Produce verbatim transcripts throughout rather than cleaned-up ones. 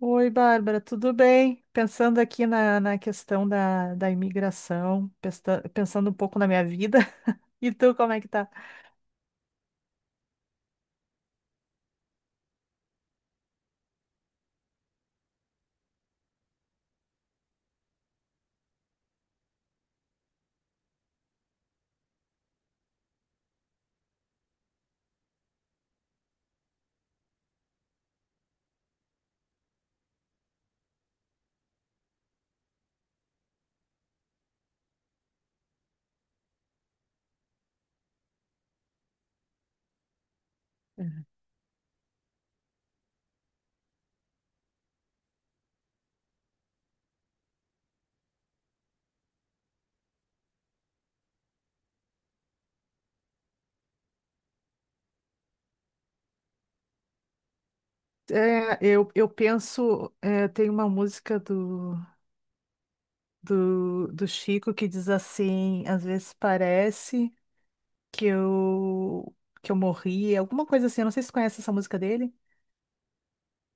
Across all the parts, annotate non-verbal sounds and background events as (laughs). Oi, Bárbara, tudo bem? Pensando aqui na, na questão da, da imigração, pesta- pensando um pouco na minha vida. (laughs) E tu, como é que tá? Uhum. É, eu, eu penso, é, tem uma música do, do, do Chico que diz assim, às vezes parece que eu, que eu morri, alguma coisa assim, eu não sei se tu conhece essa música dele.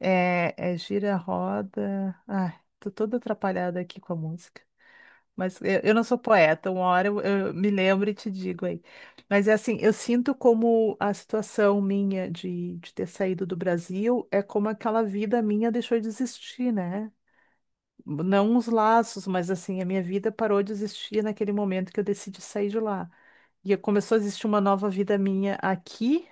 É, é Gira a Roda. Ai, tô toda atrapalhada aqui com a música. Mas eu eu não sou poeta, uma hora eu, eu me lembro e te digo aí. Mas é assim, eu sinto como a situação minha de, de ter saído do Brasil é como aquela vida minha deixou de existir, né? Não os laços, mas assim, a minha vida parou de existir naquele momento que eu decidi sair de lá. E começou a existir uma nova vida minha aqui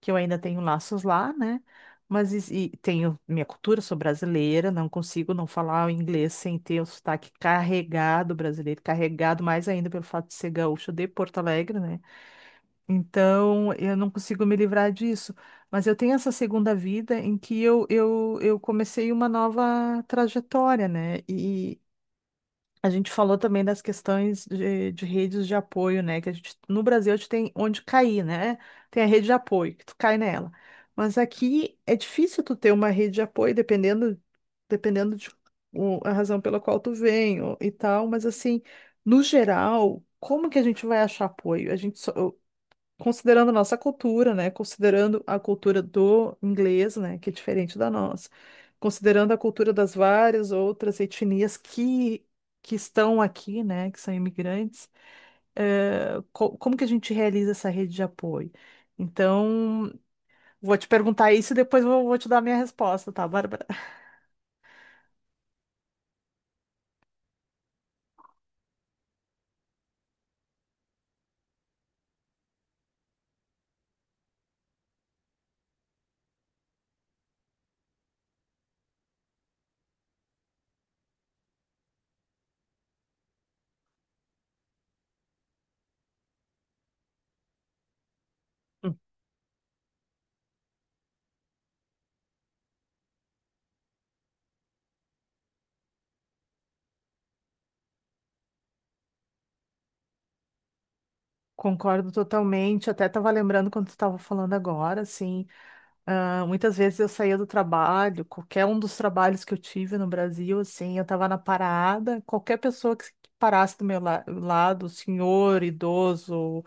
que eu ainda tenho laços lá, né? Mas is- e tenho minha cultura, sou brasileira, não consigo não falar o inglês sem ter o sotaque carregado brasileiro, carregado mais ainda pelo fato de ser gaúcho de Porto Alegre, né? Então eu não consigo me livrar disso. Mas eu tenho essa segunda vida em que eu, eu, eu comecei uma nova trajetória, né? A gente falou também das questões de, de redes de apoio, né? Que a gente, no Brasil a gente tem onde cair, né? Tem a rede de apoio, que tu cai nela. Mas aqui é difícil tu ter uma rede de apoio, dependendo, dependendo de o- a razão pela qual tu vem ou- e tal. Mas assim, no geral, como que a gente vai achar apoio? A gente só, considerando a nossa cultura, né? Considerando a cultura do inglês, né? Que é diferente da nossa. Considerando a cultura das várias outras etnias que, que estão aqui, né? Que são imigrantes, eh, co- como que a gente realiza essa rede de apoio? Então, vou te perguntar isso e depois vou, vou te dar a minha resposta, tá, Bárbara? Concordo totalmente. Até estava lembrando quando tu estava falando agora, assim. Ah, muitas vezes eu saía do trabalho, qualquer um dos trabalhos que eu tive no Brasil, assim, eu estava na parada, qualquer pessoa que que parasse do meu la- lado, senhor, idoso,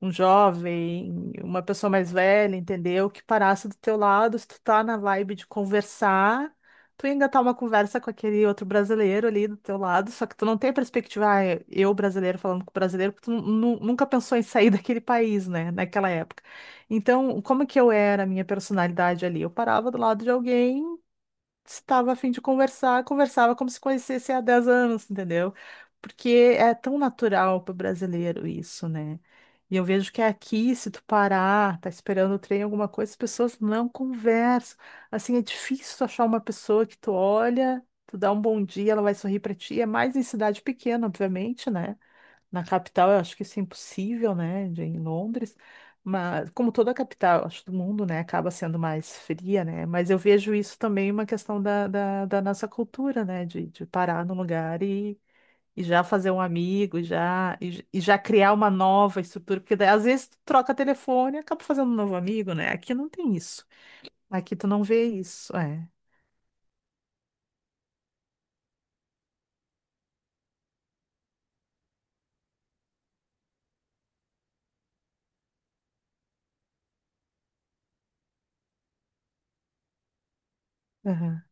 um jovem, uma pessoa mais velha, entendeu? Que parasse do teu lado, se tu tá na vibe de conversar, tu ia engatar uma conversa com aquele outro brasileiro ali do teu lado, só que tu não tem a perspectiva, ah, eu brasileiro falando com brasileiro, porque tu nu- nu- nunca pensou em sair (laughs) daquele país, né, naquela época. Então, como que eu era a minha personalidade ali? Eu parava do lado de alguém estava a fim de conversar, conversava como se conhecesse há dez anos, entendeu? Porque é tão natural para o brasileiro isso, né? E eu vejo que aqui, se tu parar, tá esperando o trem, alguma coisa, as pessoas não conversam. Assim, é difícil tu achar uma pessoa que tu olha, tu dá um bom dia, ela vai sorrir para ti. É mais em cidade pequena, obviamente, né? Na capital, eu acho que isso é impossível, né? de- Em Londres. Mas, como toda a capital, acho, do mundo, né? Acaba sendo mais fria, né? Mas eu vejo isso também uma questão da, da, da nossa cultura, né? De, de parar num lugar e, e já fazer um amigo, e já, e, j- e já criar uma nova estrutura. Porque daí, às vezes, tu troca telefone e acaba fazendo um novo amigo, né? Aqui não tem isso. Aqui tu não vê isso. É. Aham,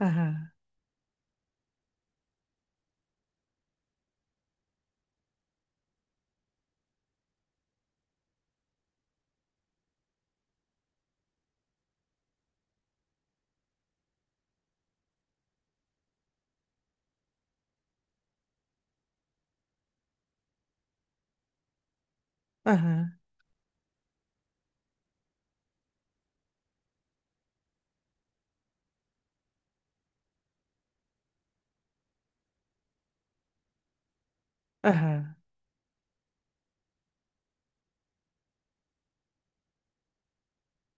aham, aham, aham.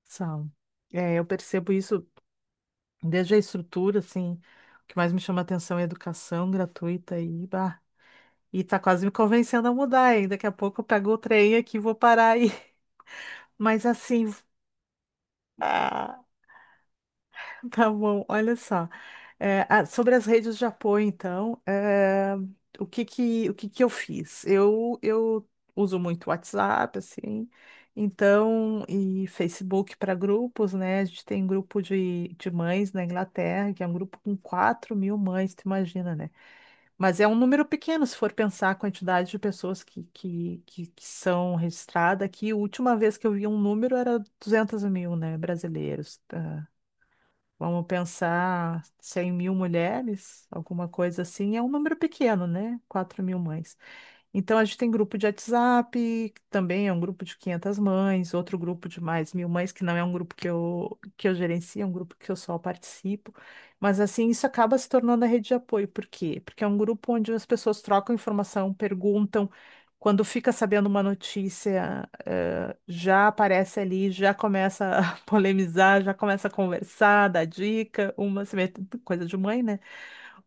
São. É, eu percebo isso desde a estrutura, assim, o que mais me chama atenção é a educação gratuita e, bah, e tá quase me convencendo a mudar, hein? Daqui a pouco eu pego o trem aqui e vou parar aí. (laughs) Mas assim, (laughs) tá bom, olha só. É, ah, sobre as redes de apoio, então, é, o que que, o que que eu fiz? Eu, eu uso muito WhatsApp, assim, então, e Facebook para grupos, né? A gente tem grupo de, de mães na Inglaterra, que é um grupo com quatro mil mães, tu imagina, né? Mas é um número pequeno, se for pensar a quantidade de pessoas que, que, que, que são registradas aqui. A última vez que eu vi um número era duzentos mil, né, brasileiros. Vamos pensar cem mil mulheres, alguma coisa assim, é um número pequeno, né? Quatro mil mães. Então, a gente tem grupo de WhatsApp, que também é um grupo de quinhentas mães, outro grupo de mais mil mães, que não é um grupo que eu, que eu gerencio, é um grupo que eu só participo. Mas, assim, isso acaba se tornando a rede de apoio. Por quê? Porque é um grupo onde as pessoas trocam informação, perguntam. Quando fica sabendo uma notícia, eh, já aparece ali, já começa a (laughs) polemizar, já começa a conversar, dar dica, uma se mete- coisa de mãe, né?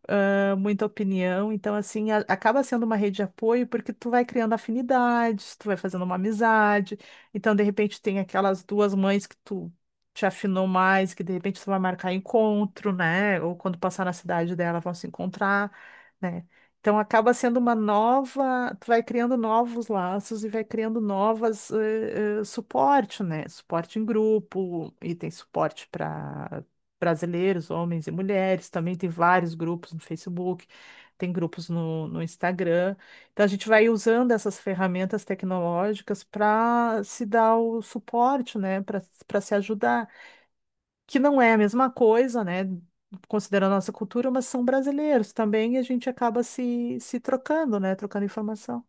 Ah, muita opinião. Então, assim, a- acaba sendo uma rede de apoio porque tu vai criando afinidades, tu vai fazendo uma amizade. Então, de repente, tem aquelas duas mães que tu te afinou mais, que de repente tu vai marcar encontro, né? Ou quando passar na cidade dela, vão se encontrar, né? Então, acaba sendo uma nova. Tu vai criando novos laços e vai criando novas eh, eh, suporte, né? Suporte em grupo, e tem suporte para brasileiros, homens e mulheres, também tem vários grupos no Facebook, tem grupos no, no Instagram. Então a gente vai usando essas ferramentas tecnológicas para se dar o suporte, né, para para se ajudar, que não é a mesma coisa, né, considerando a nossa cultura, mas são brasileiros também e a gente acaba se, se trocando, né, trocando informação.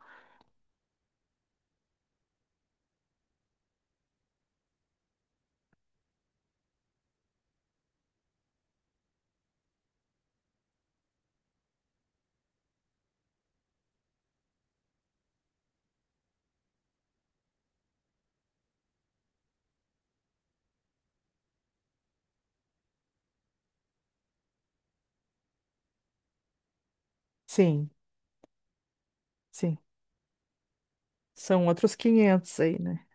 Sim, sim. São outros quinhentos aí, né?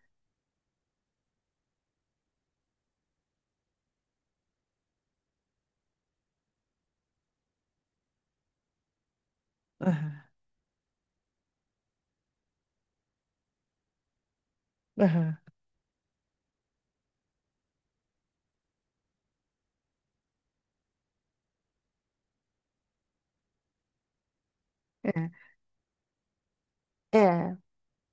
Aham, aham. É. É.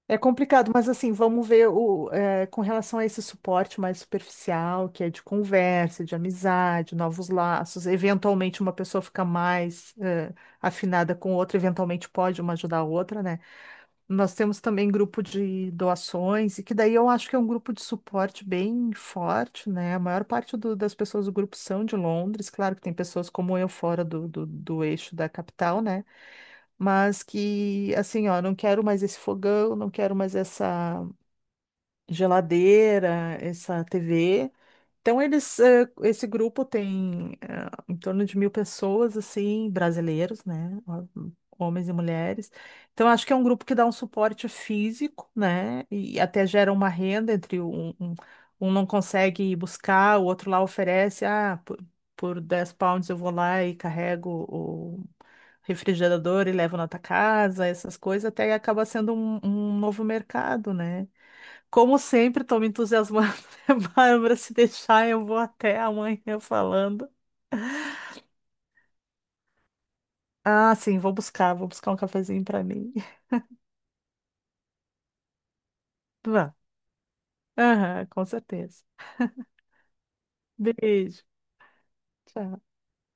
É complicado, mas assim, vamos ver o, eh, com relação a esse suporte mais superficial, que é de conversa, de amizade, novos laços. Eventualmente, uma pessoa fica mais, eh, afinada com outra, eventualmente pode uma ajudar a outra, né? Nós temos também grupo de doações, e que daí eu acho que é um grupo de suporte bem forte, né? A maior parte do- das pessoas do grupo são de Londres, claro que tem pessoas como eu fora do, do do eixo da capital, né? Mas que assim, ó, não quero mais esse fogão, não quero mais essa geladeira, essa T V. Então, eles, eh, esse grupo tem eh, em torno de mil pessoas, assim, brasileiros, né? Ó, homens e mulheres. Então, acho que é um grupo que dá um suporte físico, né? E até gera uma renda entre um, um, um não consegue ir buscar, o outro lá oferece, ah, por, por dez pounds eu vou lá e carrego o refrigerador e levo na tua casa, essas coisas, até acaba sendo um, um novo mercado, né? Como sempre, estou me entusiasmando, (laughs) né, Bárbara? Se deixar, eu vou até amanhã falando. Ah, sim, vou buscar, vou buscar um cafezinho para mim. (laughs) Vá. Aham, com certeza. Beijo. Tchau.